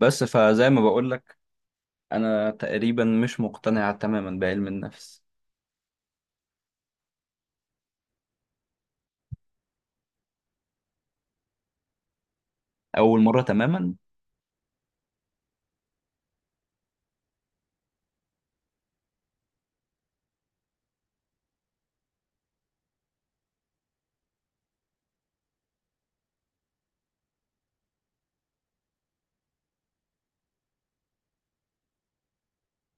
بس فزي ما بقول لك. انا تقريبا مش مقتنع تماما بعلم النفس. اول مره تماما.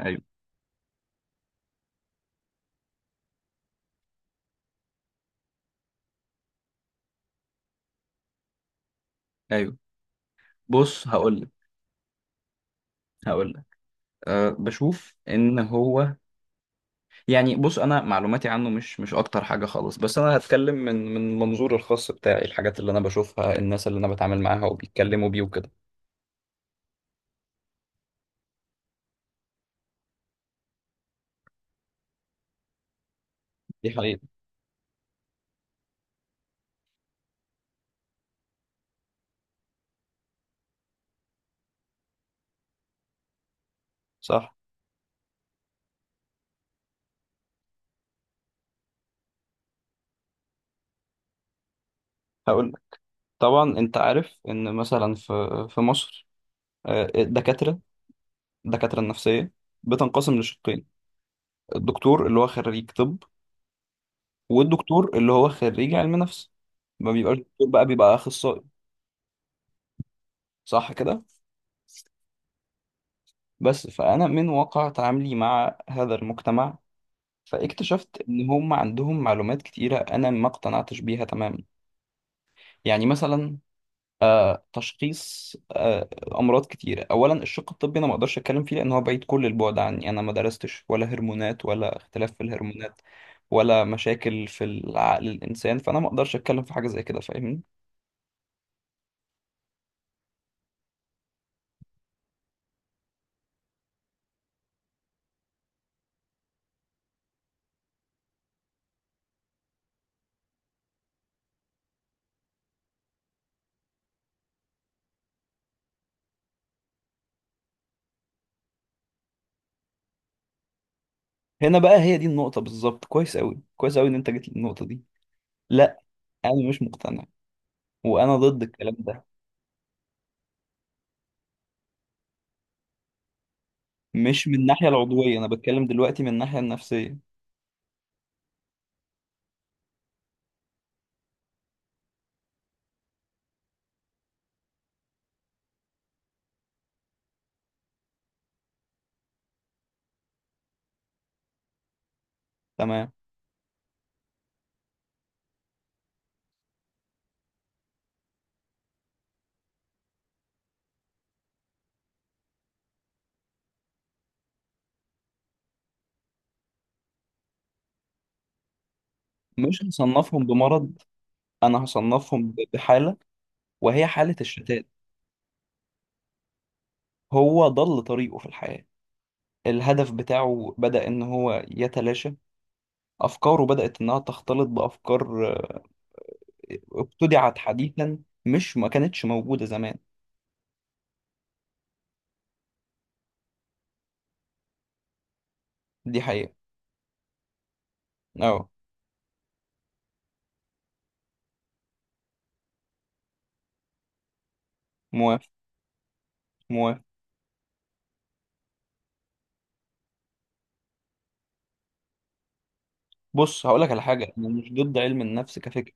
ايوه، ايوه. بص هقول لك. هقول لك أه بشوف ان هو، يعني بص، انا معلوماتي عنه مش اكتر حاجه خالص، بس انا هتكلم من منظور الخاص بتاعي، الحاجات اللي انا بشوفها، الناس اللي انا بتعامل معاها وبيتكلموا بيه وكده. دي حقيقة. صح. هقول لك. طبعا انت عارف ان مثلا في مصر، آه، الدكاتره الدكاتره النفسيه بتنقسم لشقين، الدكتور اللي هو خريج طب، والدكتور اللي هو خريج علم نفس. ما بيبقاش دكتور، بقى بيبقى اخصائي، صح كده. بس فانا من واقع تعاملي مع هذا المجتمع، فاكتشفت ان هم عندهم معلومات كتيره انا ما اقتنعتش بيها تماما. يعني مثلا تشخيص امراض كتيره. اولا الشق الطبي انا ما اقدرش اتكلم فيه، لان هو بعيد كل البعد عني، انا ما درستش ولا هرمونات ولا اختلاف في الهرمونات ولا مشاكل في العقل الانسان، فانا ما اقدرش اتكلم في حاجه زي كده، فاهمني؟ هنا بقى هي دي النقطة بالظبط. كويس أوي، كويس أوي إن أنت جيت للنقطة دي. لا، أنا مش مقتنع، وأنا ضد الكلام ده. مش من الناحية العضوية، أنا بتكلم دلوقتي من الناحية النفسية. تمام. مش هصنفهم بمرض، أنا هصنفهم بحالة، وهي حالة الشتات. هو ضل طريقه في الحياة، الهدف بتاعه بدأ إن هو يتلاشى، أفكاره بدأت إنها تختلط بأفكار ابتدعت حديثا، مش ما كانتش موجودة زمان. دي حقيقة. أه. موافق. موافق. بص هقول لك على حاجه، انا مش ضد علم النفس كفكره،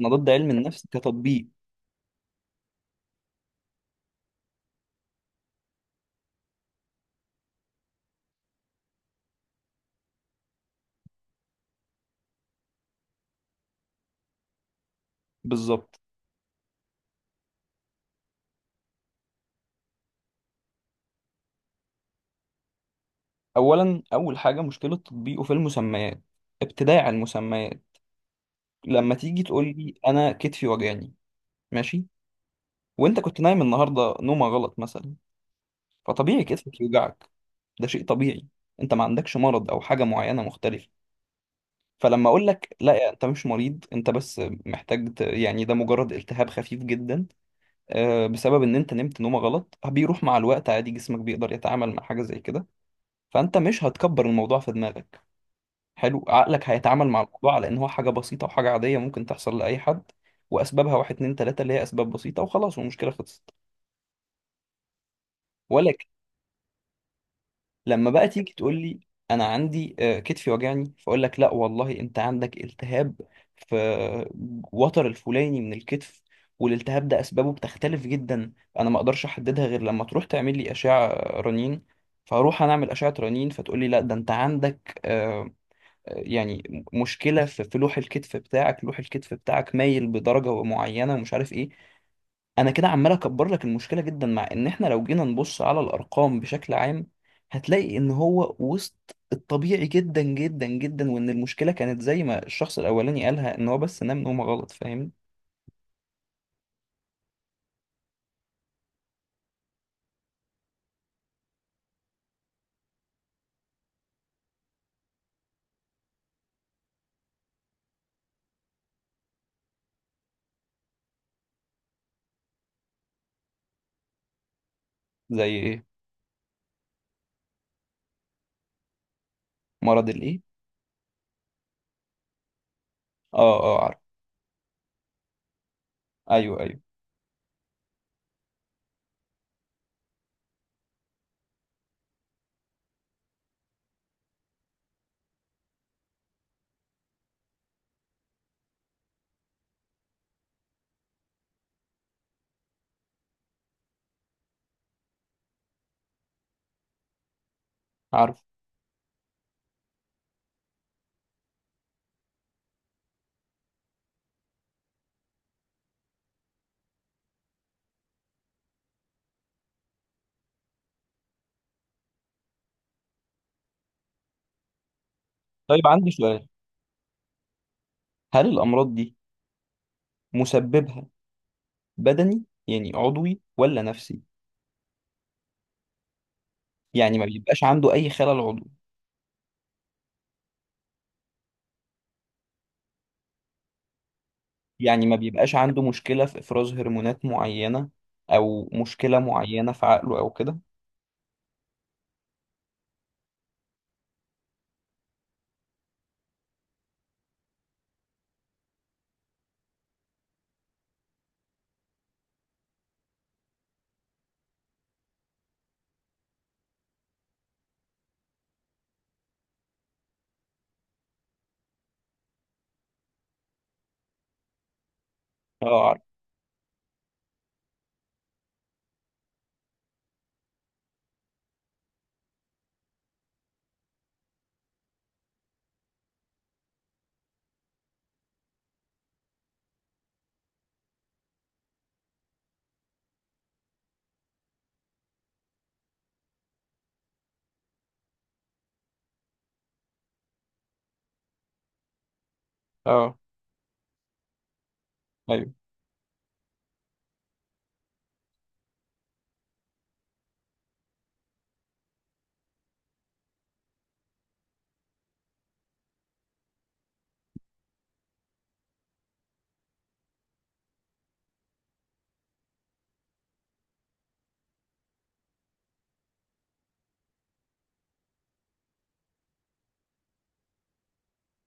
انا ضد علم النفس كتطبيق. بالظبط. اولا اول حاجه مشكله تطبيقه في المسميات، ابتداع المسميات. لما تيجي تقول لي انا كتفي وجعني، ماشي، وانت كنت نايم النهارده نومه غلط مثلا، فطبيعي كتفك يوجعك، ده شيء طبيعي، انت ما عندكش مرض او حاجه معينه مختلفه. فلما اقول لك لا، انت مش مريض، انت بس محتاج يعني ده مجرد التهاب خفيف جدا بسبب ان انت نمت نومه غلط، بيروح مع الوقت عادي، جسمك بيقدر يتعامل مع حاجه زي كده، فانت مش هتكبر الموضوع في دماغك. حلو، عقلك هيتعامل مع الموضوع على ان هو حاجه بسيطه وحاجه عاديه ممكن تحصل لاي حد، واسبابها واحد اتنين تلاته، اللي هي اسباب بسيطه وخلاص، والمشكله خلصت. ولكن لما بقى تيجي تقول لي، انا عندي كتفي وجعني، فاقول لك لا والله، انت عندك التهاب في وتر الفلاني من الكتف، والالتهاب ده اسبابه بتختلف جدا، انا ما اقدرش احددها غير لما تروح تعمل لي اشعه رنين. فاروح انا اعمل اشعه رنين، فتقول لي لا، ده انت عندك يعني مشكله في لوح الكتف بتاعك، لوح الكتف بتاعك مايل بدرجه معينه ومش عارف ايه. انا كده عمال اكبر لك المشكله جدا، مع ان احنا لو جينا نبص على الارقام بشكل عام هتلاقي ان هو وسط الطبيعي جدا جدا جدا، وان المشكله كانت زي ما الشخص الاولاني قالها، ان هو بس نام نومه غلط، فاهم؟ زي ايه؟ مرض الايه؟ اه، اه عارف. ايوه، ايوه عارف. طيب عندي سؤال، هل الامراض دي مسببها بدني يعني عضوي ولا نفسي؟ يعني ما بيبقاش عنده اي خلل عضوي؟ يعني ما بيبقاش عنده مشكلة في إفراز هرمونات معينة أو مشكلة معينة في عقله أو كده؟ اه عارف. اه. أيوه.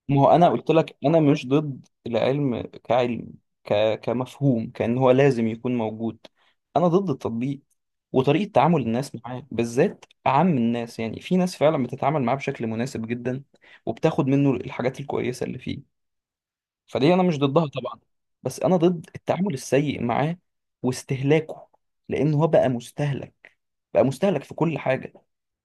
ما هو أنا قلت لك، أنا مش ضد العلم كعلم، كمفهوم، كأن هو لازم يكون موجود. أنا ضد التطبيق، وطريقة تعامل الناس معاه بالذات أعم الناس. يعني في ناس فعلا بتتعامل معاه بشكل مناسب جدا، وبتاخد منه الحاجات الكويسة اللي فيه، فدي انا مش ضدها طبعا. بس انا ضد التعامل السيء معاه، واستهلاكه، لان هو بقى مستهلك، بقى مستهلك في كل حاجه.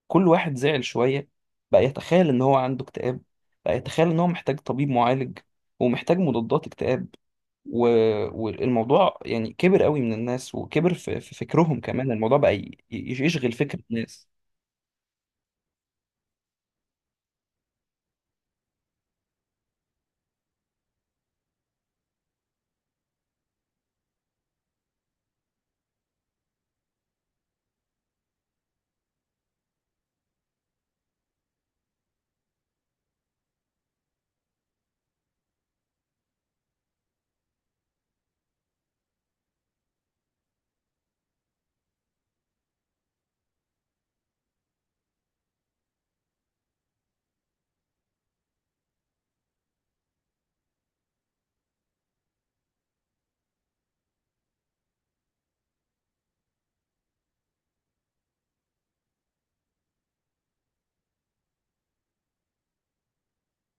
كل واحد زعل شويه بقى يتخيل ان هو عنده اكتئاب، بقى يتخيل ان هو محتاج طبيب معالج ومحتاج مضادات اكتئاب و... والموضوع يعني كبر قوي من الناس، وكبر في فكرهم كمان، الموضوع بقى يشغل فكر الناس.